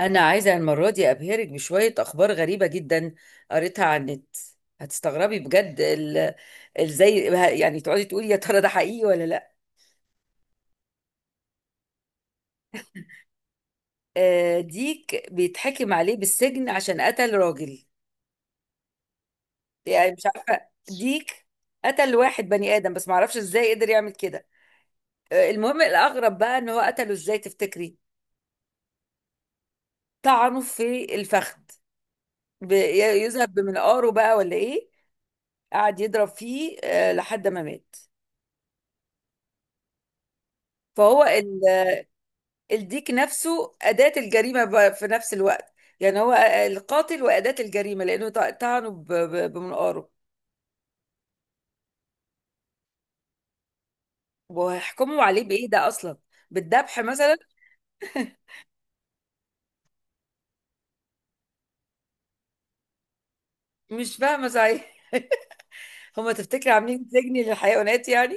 أنا عايزة المرة دي أبهرك بشوية أخبار غريبة جدا قريتها على النت. هتستغربي بجد ازاي؟ يعني تقعدي تقولي يا ترى ده حقيقي ولا لا. ديك بيتحكم عليه بالسجن عشان قتل راجل. يعني مش عارفة ديك قتل واحد بني آدم، بس معرفش ازاي قدر يعمل كده. المهم الأغرب بقى، إن هو قتله ازاي تفتكري؟ طعنه في الفخذ، يذهب بمنقاره بقى ولا إيه؟ قعد يضرب فيه لحد ما مات. فهو الديك نفسه أداة الجريمة في نفس الوقت. يعني هو القاتل وأداة الجريمة، لأنه طعنه بمنقاره. وهيحكموا عليه بإيه ده أصلا؟ بالذبح مثلا؟ مش فاهمة صحيح. هما تفتكر عاملين سجن للحيوانات يعني؟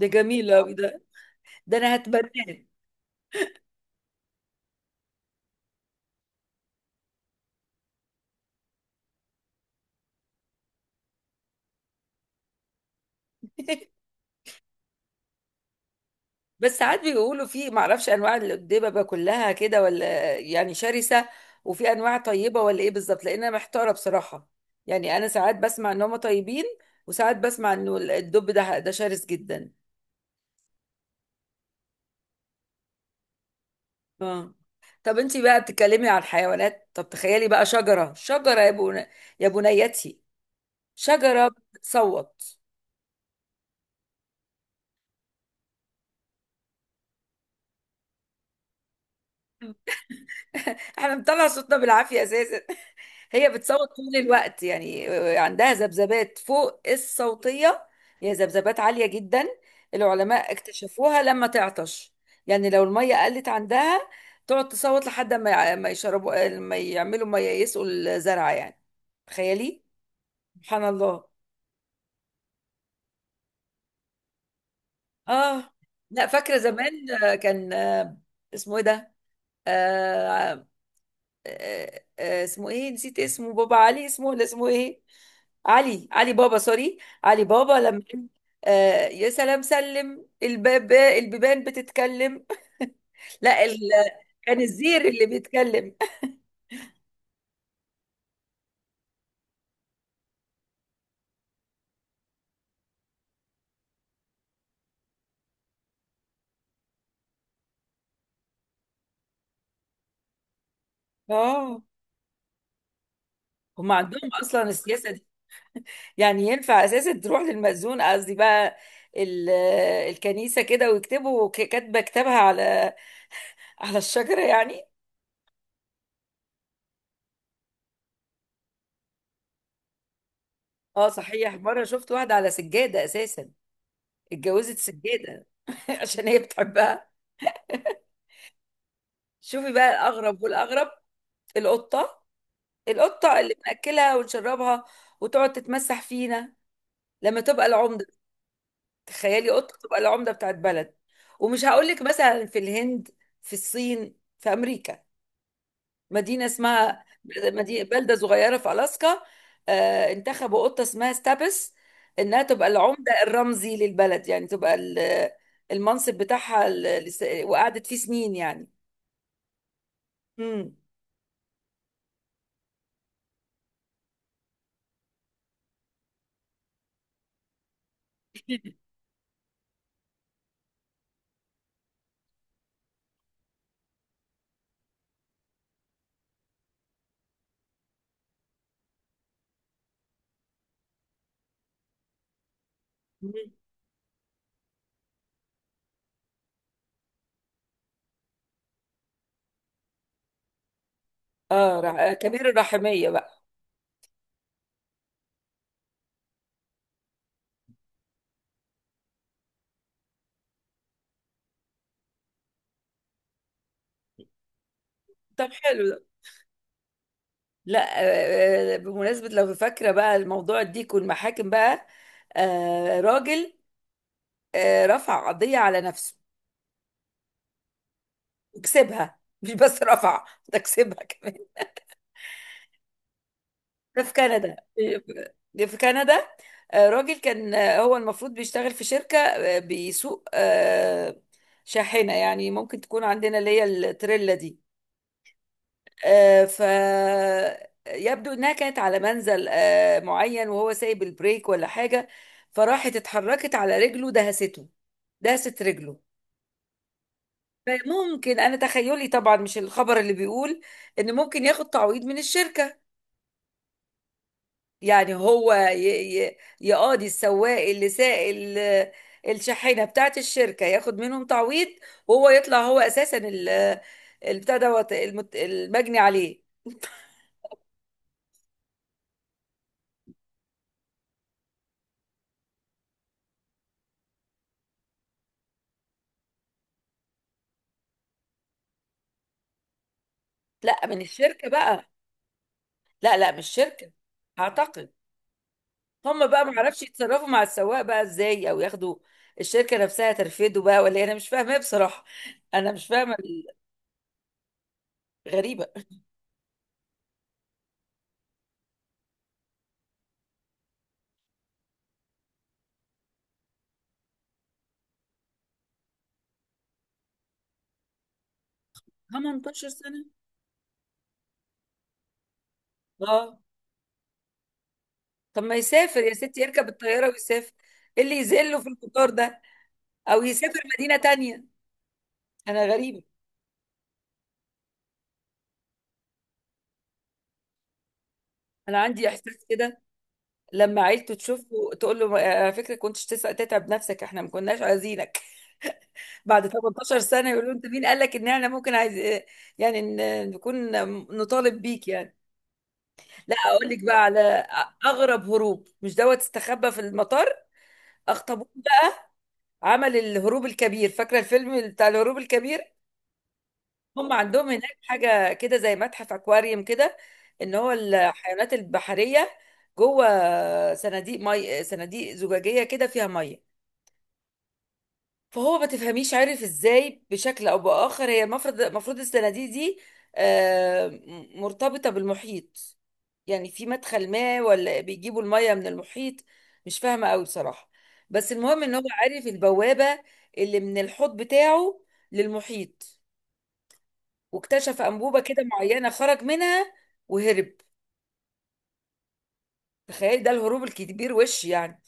ده جميل أوي ده، ده أنا هتبناه. بس ساعات بيقولوا، في معرفش، انواع الدببه كلها كده ولا يعني شرسه، وفي انواع طيبه ولا ايه بالظبط؟ لان انا محتاره بصراحه. يعني انا ساعات بسمع ان هم طيبين، وساعات بسمع انه الدب ده شرس جدا. اه. طب انت بقى بتتكلمي عن الحيوانات، طب تخيلي بقى، يا بنيتي، شجره بتصوت. احنا بنطلع صوتنا بالعافية اساسا. هي بتصوت طول الوقت يعني، عندها ذبذبات فوق الصوتية، هي ذبذبات عالية جدا. العلماء اكتشفوها لما تعطش، يعني لو المية قلت عندها تقعد تصوت لحد ما ما يشربوا، ما يعملوا، ما ييئسوا الزرع يعني. تخيلي، سبحان الله. اه. لا فاكرة زمان آه، كان آه، اسمه ايه ده؟ آه اسمه ايه، نسيت اسمه، بابا علي اسمه ولا اسمه ايه؟ علي بابا، سوري، علي بابا لما قال، يا سلام سلم، الباب، البيبان بتتكلم. لا ال... كان الزير اللي بيتكلم. اه، هم عندهم اصلا السياسه دي، يعني ينفع اساسا تروح للمأذون، قصدي بقى ال... الكنيسه كده ويكتبوا كاتبه كتابها على على الشجره يعني؟ اه صحيح، مره شفت واحده على سجاده اساسا، اتجوزت سجاده. عشان هي بتحبها. شوفي بقى الاغرب والاغرب، القطه، القطة اللي بنأكلها ونشربها وتقعد تتمسح فينا، لما تبقى العمدة. تخيلي قطة تبقى العمدة بتاعت بلد! ومش هقولك مثلا في الهند، في الصين، في أمريكا. مدينة اسمها، مدينة بلدة صغيرة في ألاسكا، آه انتخبوا قطة اسمها ستابس، إنها تبقى العمدة الرمزي للبلد، يعني تبقى المنصب بتاعها وقعدت فيه سنين يعني. مم. مم. اه، كبير الرحمية بقى. طب حلو ده. لا بمناسبة لو فاكرة بقى الموضوع، الديك والمحاكم بقى، راجل رفع قضية على نفسه وكسبها. مش بس رفع، ده كسبها كمان. ده في كندا ده في كندا، راجل كان هو المفروض بيشتغل في شركة، بيسوق شاحنة، يعني ممكن تكون عندنا اللي هي التريلا دي. آه، ف يبدو انها كانت على منزل معين وهو سايب البريك ولا حاجه، فراحت اتحركت على رجله، دهسته، دهست رجله. فممكن انا تخيلي طبعا، مش الخبر اللي بيقول، ان ممكن ياخد تعويض من الشركه. يعني هو يقاضي السواق اللي ساق الشاحنه بتاعت الشركه، ياخد منهم تعويض. وهو يطلع هو اساسا البتاع دوت المجني عليه. لا من الشركه بقى. لا مش شركة، اعتقد. هم بقى ما اعرفش يتصرفوا مع السواق بقى ازاي، او ياخدوا الشركة نفسها ترفده بقى، ولا إيه؟ انا مش فاهمة بصراحة، انا مش فاهمة ال- غريبة. 18 سنة؟ اه طب ما يسافر يا ستي، يركب الطيارة ويسافر، إيه اللي يذله في القطار ده، او يسافر مدينة تانية؟ انا غريبة. انا عندي احساس كده، لما عيلته تشوفه تقول له على فكرة كنتش تتعب نفسك، احنا ما كناش عايزينك". بعد 18 سنة يقولوا انت مين قال لك ان احنا ممكن عايز، يعني نكون نطالب بيك يعني. لا اقول لك بقى على اغرب هروب، مش دوت استخبى في المطار، اخطبوط ده عمل الهروب الكبير. فاكرة الفيلم بتاع الهروب الكبير؟ هم عندهم هناك حاجة كده زي متحف اكواريوم كده، ان هو الحيوانات البحرية جوه صناديق زجاجية كده فيها مية. فهو ما تفهميش عارف ازاي، بشكل او باخر، هي المفروض الصناديق دي مرتبطه بالمحيط، يعني في مدخل ما، ولا بيجيبوا الميه من المحيط، مش فاهمه قوي بصراحه. بس المهم ان هو عارف البوابه اللي من الحوض بتاعه للمحيط، واكتشف انبوبه كده معينه خرج منها وهرب. تخيل، ده الهروب الكبير وش يعني!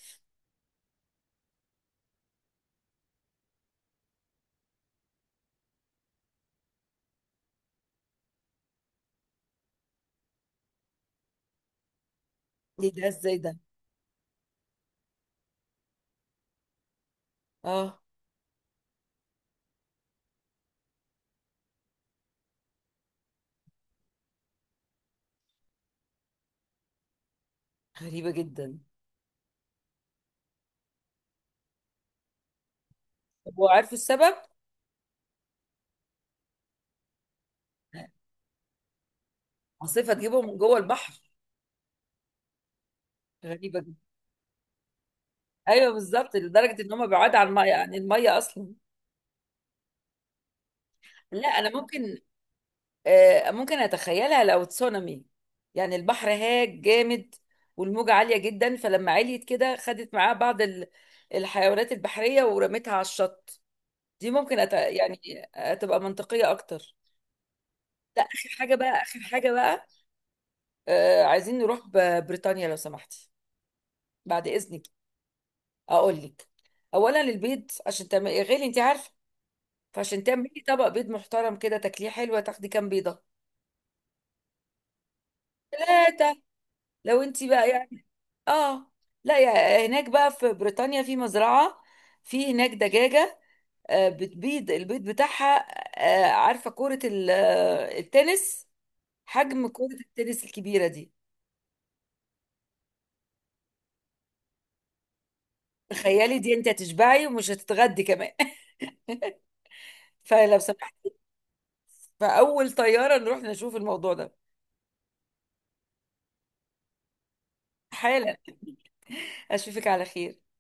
ايه ده ازاي ده؟ اه غريبه جدا. طب وعارفه السبب؟ عاصفه تجيبهم من جوه البحر؟ غريبه جدا. ايوه بالظبط، لدرجه ان هم بعاد عن الميه، اصلا. لا انا ممكن، ممكن اتخيلها لو تسونامي، يعني البحر هاج جامد والموجه عاليه جدا، فلما عليت كده خدت معاه بعض الحيوانات البحريه ورمتها على الشط. يعني تبقى منطقيه اكتر. لا اخر حاجه بقى، عايزين نروح بريطانيا لو سمحتي، بعد اذنك. اقول لك، اولا البيض، عشان تعملي غالي انت عارفه، فعشان تعملي طبق بيض محترم كده تاكليه حلوه، تاخدي كام بيضه؟ ثلاثه لو انت بقى يعني. اه، لا يا هناك بقى في بريطانيا، في مزرعه، في هناك دجاجه بتبيض البيض بتاعها عارفه كره التنس، حجم كره التنس الكبيره دي. تخيلي دي، انت هتشبعي ومش هتتغدي كمان. فلو سمحت، فاول طياره نروح نشوف الموضوع ده، حالا. اشوفك على خير.